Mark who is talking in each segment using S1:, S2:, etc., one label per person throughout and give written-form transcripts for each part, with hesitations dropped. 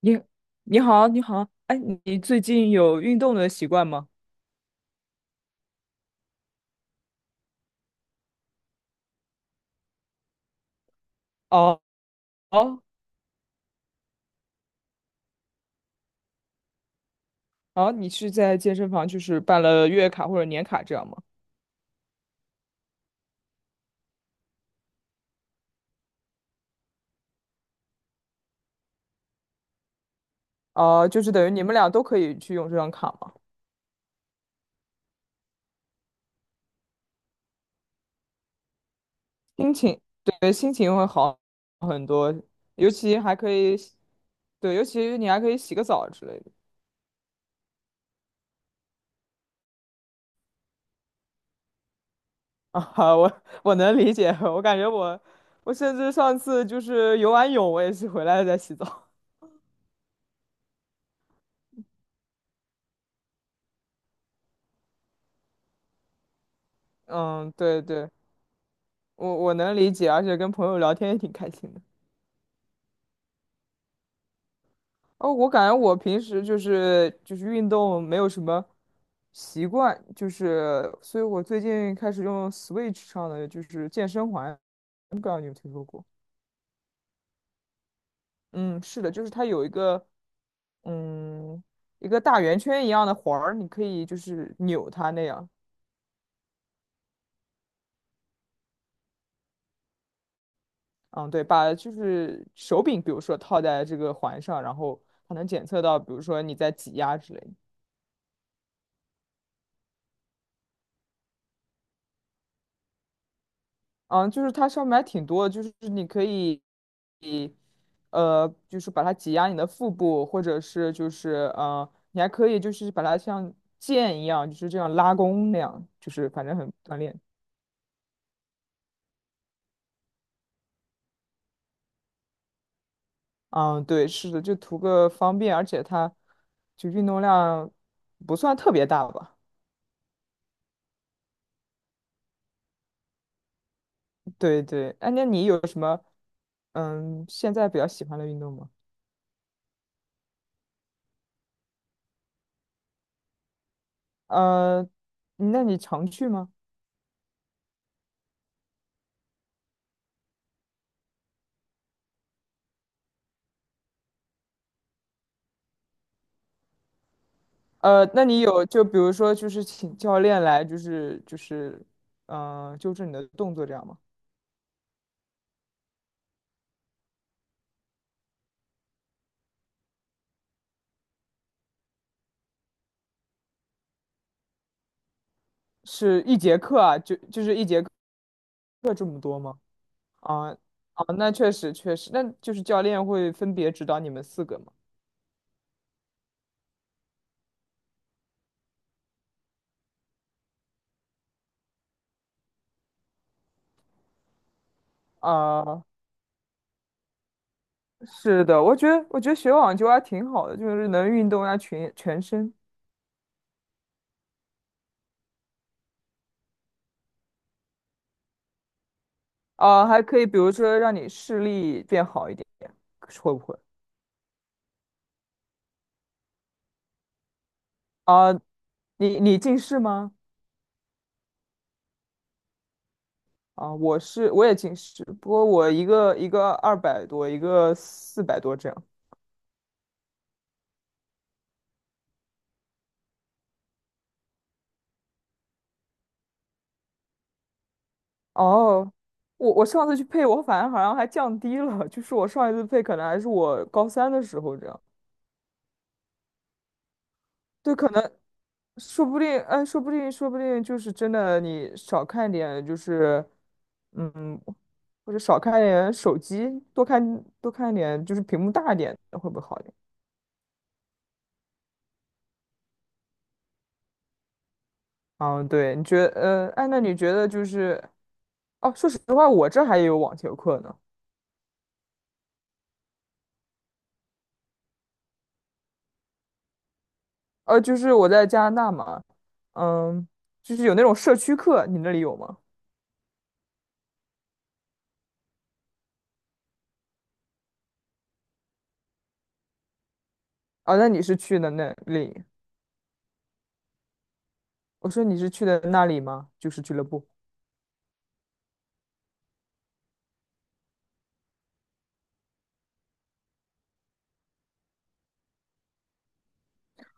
S1: 你你好，你好，哎，你最近有运动的习惯吗？哦哦哦，你是在健身房就是办了月卡或者年卡这样吗？哦，就是等于你们俩都可以去用这张卡吗？心情，对，心情会好很多，尤其还可以洗，对，尤其你还可以洗个澡之类的。啊，我能理解，我感觉我甚至上次就是游完泳，我也是回来再洗澡。嗯，对对，我能理解，而且跟朋友聊天也挺开心的。哦，我感觉我平时就是运动没有什么习惯，就是所以我最近开始用 Switch 上的就是健身环，不知道你有没有听说过？嗯，是的，就是它有嗯一个大圆圈一样的环儿，你可以就是扭它那样。嗯，对，把就是手柄，比如说套在这个环上，然后它能检测到，比如说你在挤压之类的。嗯，就是它上面还挺多的，就是你可以，就是把它挤压你的腹部，或者是就是你还可以就是把它像剑一样，就是这样拉弓那样，就是反正很锻炼。嗯，对，是的，就图个方便，而且它就运动量不算特别大吧。对对，哎，那你有什么现在比较喜欢的运动吗？呃，那你常去吗？那你有就比如说就是请教练来就是纠正你的动作这样吗？是一节课啊，就是一节课这么多吗？啊啊，那确实确实，那就是教练会分别指导你们四个吗？啊，是的，我觉得学网球还挺好的，就是能运动一下全身，啊，还可以比如说让你视力变好一点，会不会？啊，你近视吗？啊，我也近视，不过我一个一个200多，一个400多这样。哦，我上次去配，我反而好像还降低了，就是我上一次配可能还是我高三的时候这样。对，可能说不定，哎，说不定，说不定就是真的，你少看点，嗯，或者少看点手机，多看点，就是屏幕大一点的会不会好一点？嗯，对，你觉得，哎，那你觉得就是，哦，说实话，我这还有网球课呢。就是我在加拿大嘛，嗯，就是有那种社区课，你那里有吗？啊，那你是去的那里？我说你是去的那里吗？就是俱乐部。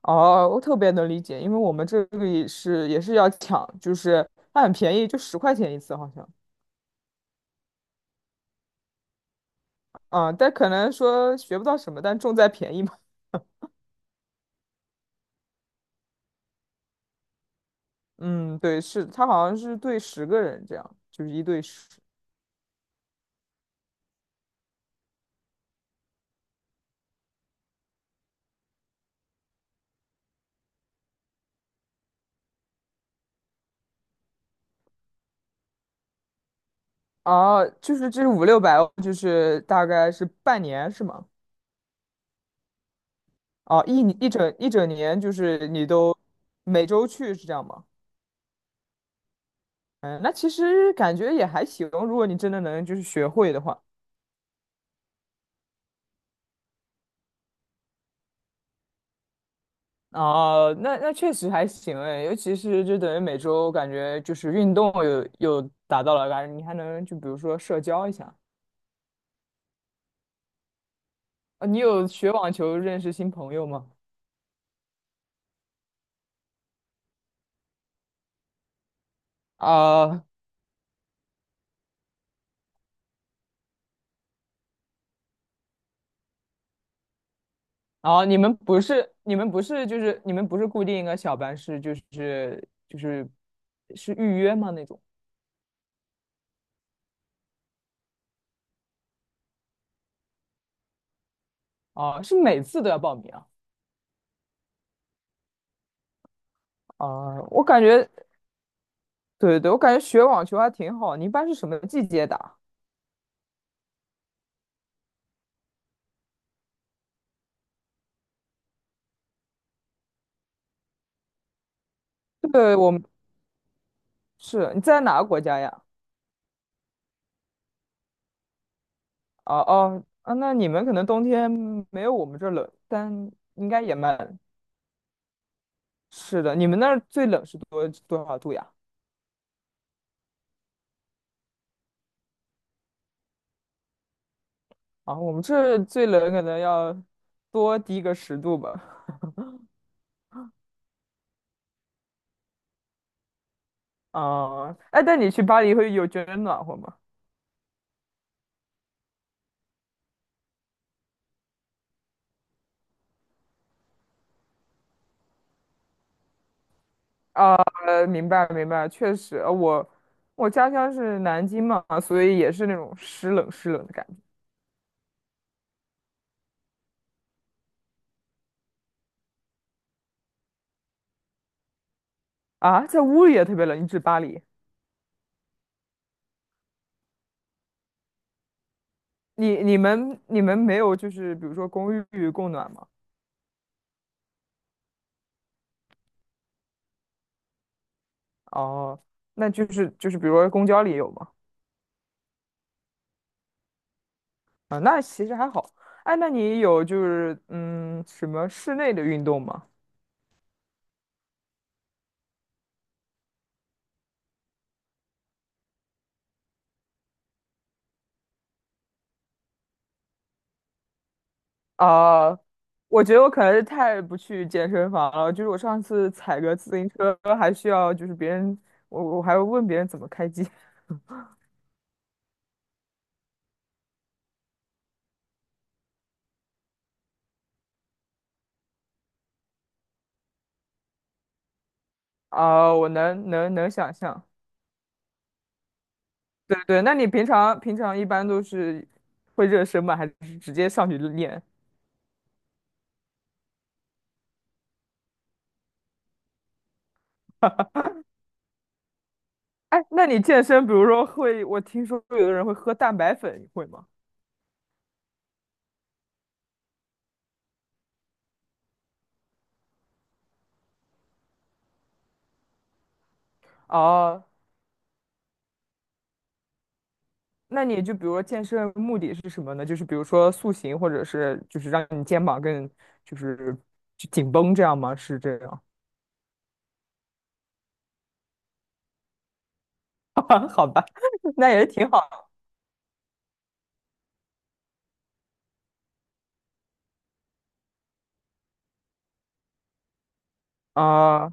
S1: 哦，我特别能理解，因为我们这里也是要抢，就是它很便宜，就10块钱一次好像。啊，但可能说学不到什么，但重在便宜嘛。嗯，对，是，它好像是对10个人这样，就是1对10。哦，就是这五六百，五六百就是大概是半年是吗？哦，一整年就是你都每周去是这样吗？嗯，那其实感觉也还行，如果你真的能就是学会的话。哦，那确实还行哎，尤其是就等于每周感觉就是运动有达到了，感觉你还能就比如说社交一下。你有学网球认识新朋友吗？啊，哦，你们不是固定一个小班，是就是是预约吗那种？啊，是每次都要报名啊？啊，我感觉，对对对，我感觉学网球还挺好。你一般是什么季节打？对，我们是你在哪个国家呀？哦哦啊，那你们可能冬天没有我们这儿冷，但应该也蛮冷是的。你们那儿最冷是多少度呀？啊，我们这儿最冷可能要多低个10度吧。啊，哎，但你去巴黎会有觉得暖和吗？啊，明白明白，确实，我家乡是南京嘛，所以也是那种湿冷湿冷的感觉。啊，在屋里也特别冷，你指巴黎？你们没有就是比如说公寓供暖吗？哦，那就是比如说公交里有吗？啊，那其实还好。哎，那你有就是什么室内的运动吗？啊，我觉得我可能是太不去健身房了，就是我上次踩个自行车还需要就是别人，我还要问别人怎么开机。啊，我能想象。对对，那你平常一般都是会热身吗？还是直接上去就练？哎，那你健身，比如说会，我听说有的人会喝蛋白粉，你会吗？哦，那你就比如说健身目的是什么呢？就是比如说塑形，或者是就是让你肩膀更就是就紧绷这样吗？是这样？好吧，那也挺好的啊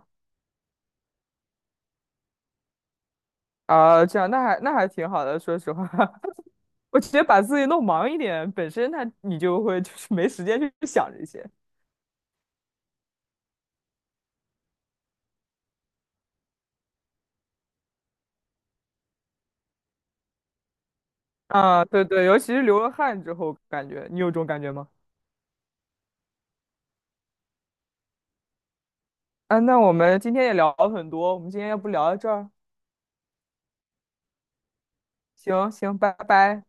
S1: 啊，这样那还挺好的，说实话，我直接把自己弄忙一点，本身那你就会就是没时间去想这些。啊，对对，尤其是流了汗之后，感觉你有这种感觉吗？啊，那我们今天也聊了很多，我们今天要不聊到这儿？行行，拜拜。